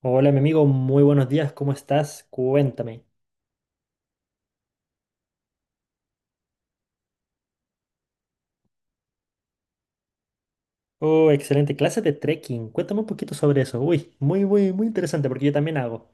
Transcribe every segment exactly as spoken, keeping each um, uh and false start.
Hola, mi amigo, muy buenos días, ¿cómo estás? Cuéntame. Oh, excelente clase de trekking. Cuéntame un poquito sobre eso. Uy, muy, muy, muy interesante porque yo también hago.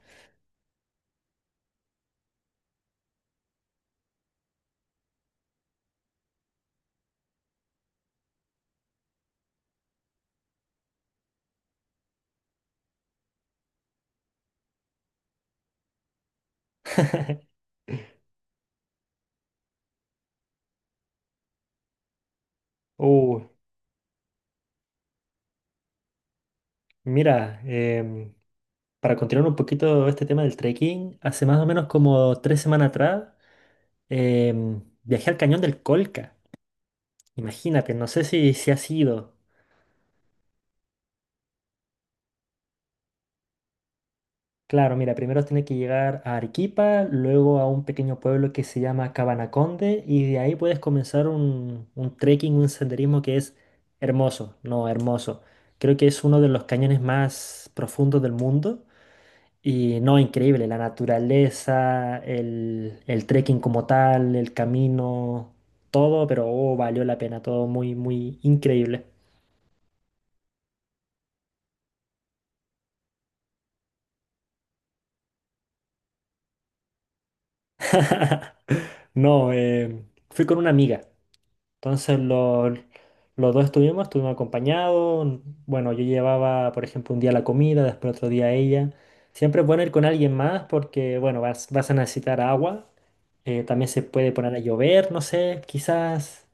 Uh, mira, em, para continuar un poquito este tema del trekking, hace más o menos como tres semanas atrás em, viajé al Cañón del Colca. Imagínate, no sé si, si has ido. Claro, mira, primero tiene que llegar a Arequipa, luego a un pequeño pueblo que se llama Cabanaconde y de ahí puedes comenzar un, un trekking, un senderismo que es hermoso, no hermoso. Creo que es uno de los cañones más profundos del mundo y no, increíble, la naturaleza, el, el trekking como tal, el camino, todo, pero oh, valió la pena, todo muy, muy increíble. No, eh, fui con una amiga. Entonces los, los dos estuvimos, estuvimos acompañados. Bueno, yo llevaba, por ejemplo, un día la comida, después otro día ella. Siempre es bueno ir con alguien más porque, bueno, vas, vas a necesitar agua. Eh, también se puede poner a llover, no sé, quizás.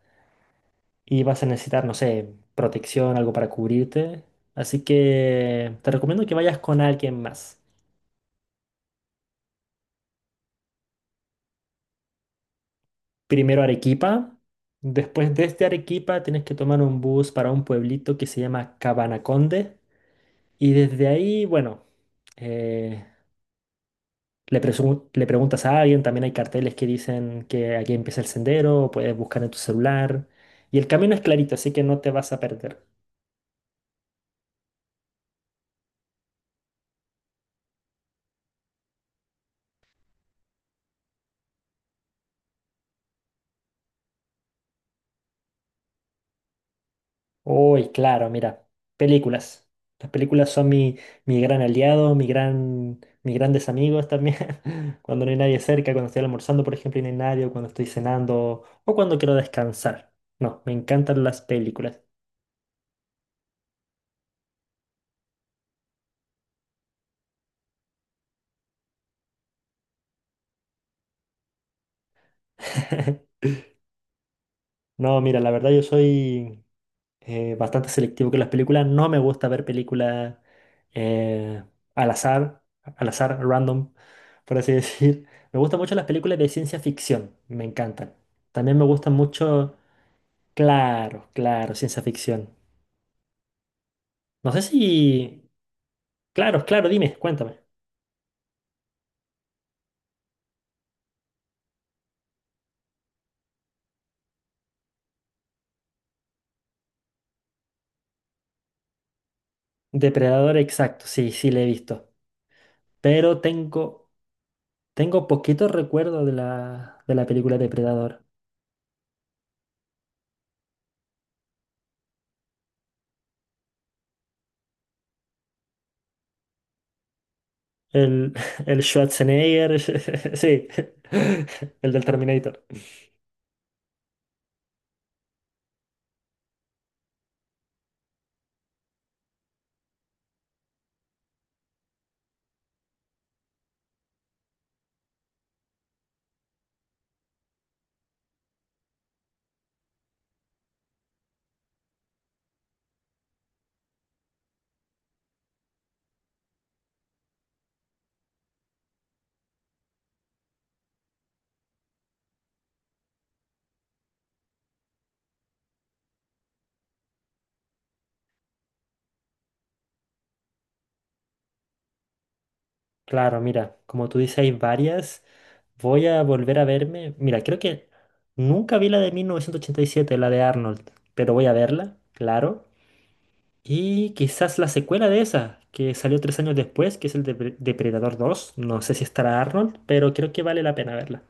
Y vas a necesitar, no sé, protección, algo para cubrirte. Así que te recomiendo que vayas con alguien más. Primero Arequipa. Después desde Arequipa tienes que tomar un bus para un pueblito que se llama Cabanaconde. Y desde ahí, bueno. eh, le, presu- Le preguntas a alguien, también hay carteles que dicen que aquí empieza el sendero, puedes buscar en tu celular. Y el camino es clarito, así que no te vas a perder. Uy, claro, mira, películas. Las películas son mi, mi gran aliado, mi gran, mis grandes amigos también. Cuando no hay nadie cerca, cuando estoy almorzando, por ejemplo, y no hay nadie, o cuando estoy cenando, o cuando quiero descansar. No, me encantan las películas. No, mira, la verdad yo soy eh, bastante selectivo con las películas. No me gusta ver películas eh, al azar, al azar, random, por así decir. Me gustan mucho las películas de ciencia ficción, me encantan. También me gustan mucho, claro, claro, ciencia ficción. No sé si... Claro, claro, dime, cuéntame. Depredador exacto, sí, sí, le he visto. Pero tengo, tengo poquito recuerdo de la, de la película Depredador. El, el Schwarzenegger, sí, el del Terminator. Claro, mira, como tú dices, hay varias. Voy a volver a verme. Mira, creo que nunca vi la de mil novecientos ochenta y siete, la de Arnold, pero voy a verla, claro. Y quizás la secuela de esa, que salió tres años después, que es el Depre- Depredador dos. No sé si estará Arnold, pero creo que vale la pena verla.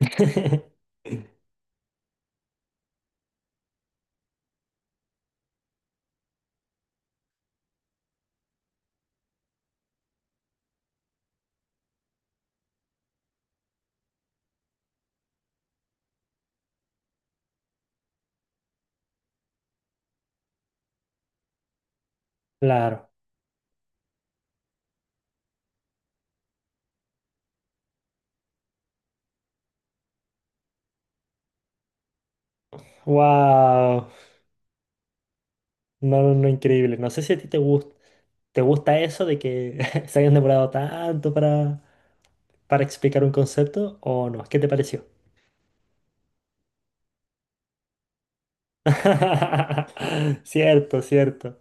Claro. ¡Wow! No, no, no, increíble. No sé si a ti te gusta, te gusta eso de que se hayan demorado tanto para, para explicar un concepto o no. ¿Qué te pareció? Cierto, cierto.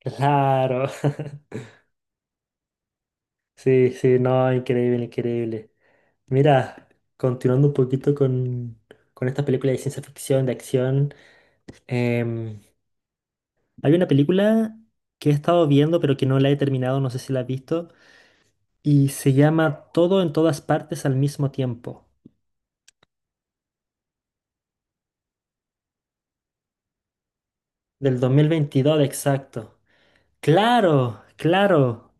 Claro. Sí, sí, no, increíble, increíble. Mira, continuando un poquito con, con esta película de ciencia ficción, de acción, em, hay una película que he estado viendo pero que no la he terminado, no sé si la has visto, y se llama Todo en todas partes al mismo tiempo, del dos mil veintidós exacto. Claro, claro.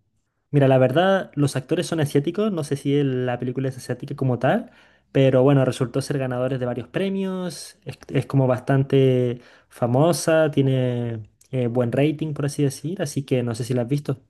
Mira, la verdad, los actores son asiáticos, no sé si el- la película es asiática como tal, pero bueno, resultó ser ganadores de varios premios, es, es como bastante famosa, tiene eh, buen rating, por así decir, así que no sé si la has visto.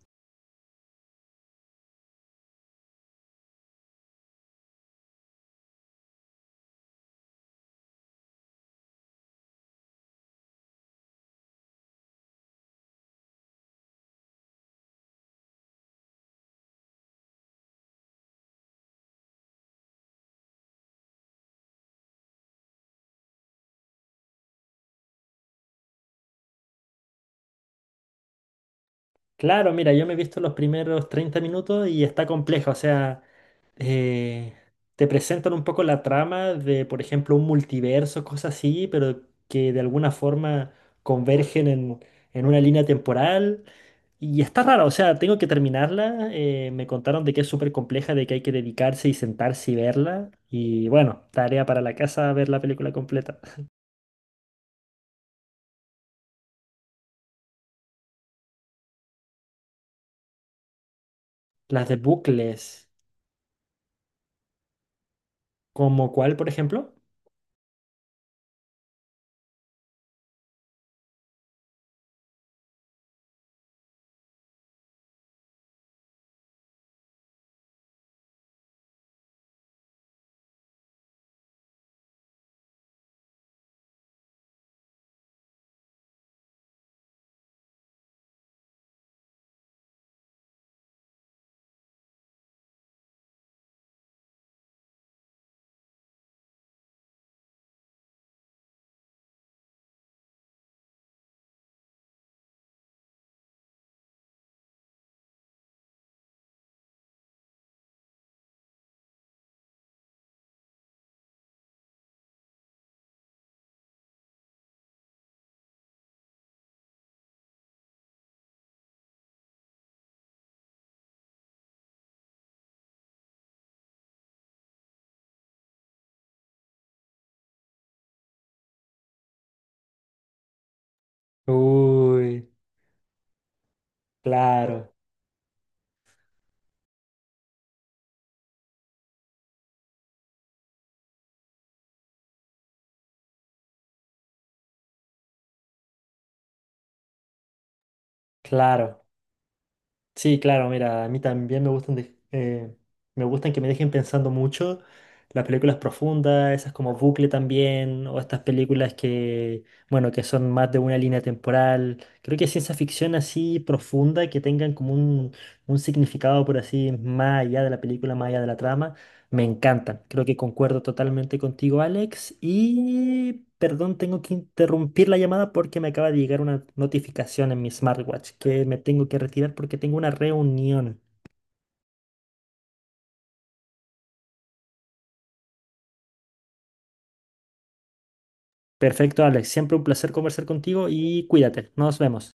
Claro, mira, yo me he visto los primeros treinta minutos y está compleja, o sea, eh, te presentan un poco la trama de, por ejemplo, un multiverso, cosas así, pero que de alguna forma convergen en, en una línea temporal. Y está raro, o sea, tengo que terminarla. Eh, me contaron de que es súper compleja, de que hay que dedicarse y sentarse y verla. Y bueno, tarea para la casa ver la película completa. Las de bucles, ¿como cuál, por ejemplo? Uy, claro, claro. Sí, claro, mira, a mí también me gustan, de- eh, me gustan que me dejen pensando mucho. Las películas profundas, esas como Bucle también, o estas películas que, bueno, que son más de una línea temporal. Creo que ciencia ficción así profunda, que tengan como un, un significado por así, más allá de la película, más allá de la trama. Me encantan. Creo que concuerdo totalmente contigo, Alex. Y perdón, tengo que interrumpir la llamada porque me acaba de llegar una notificación en mi smartwatch que me tengo que retirar porque tengo una reunión. Perfecto, Alex. Siempre un placer conversar contigo y cuídate. Nos vemos.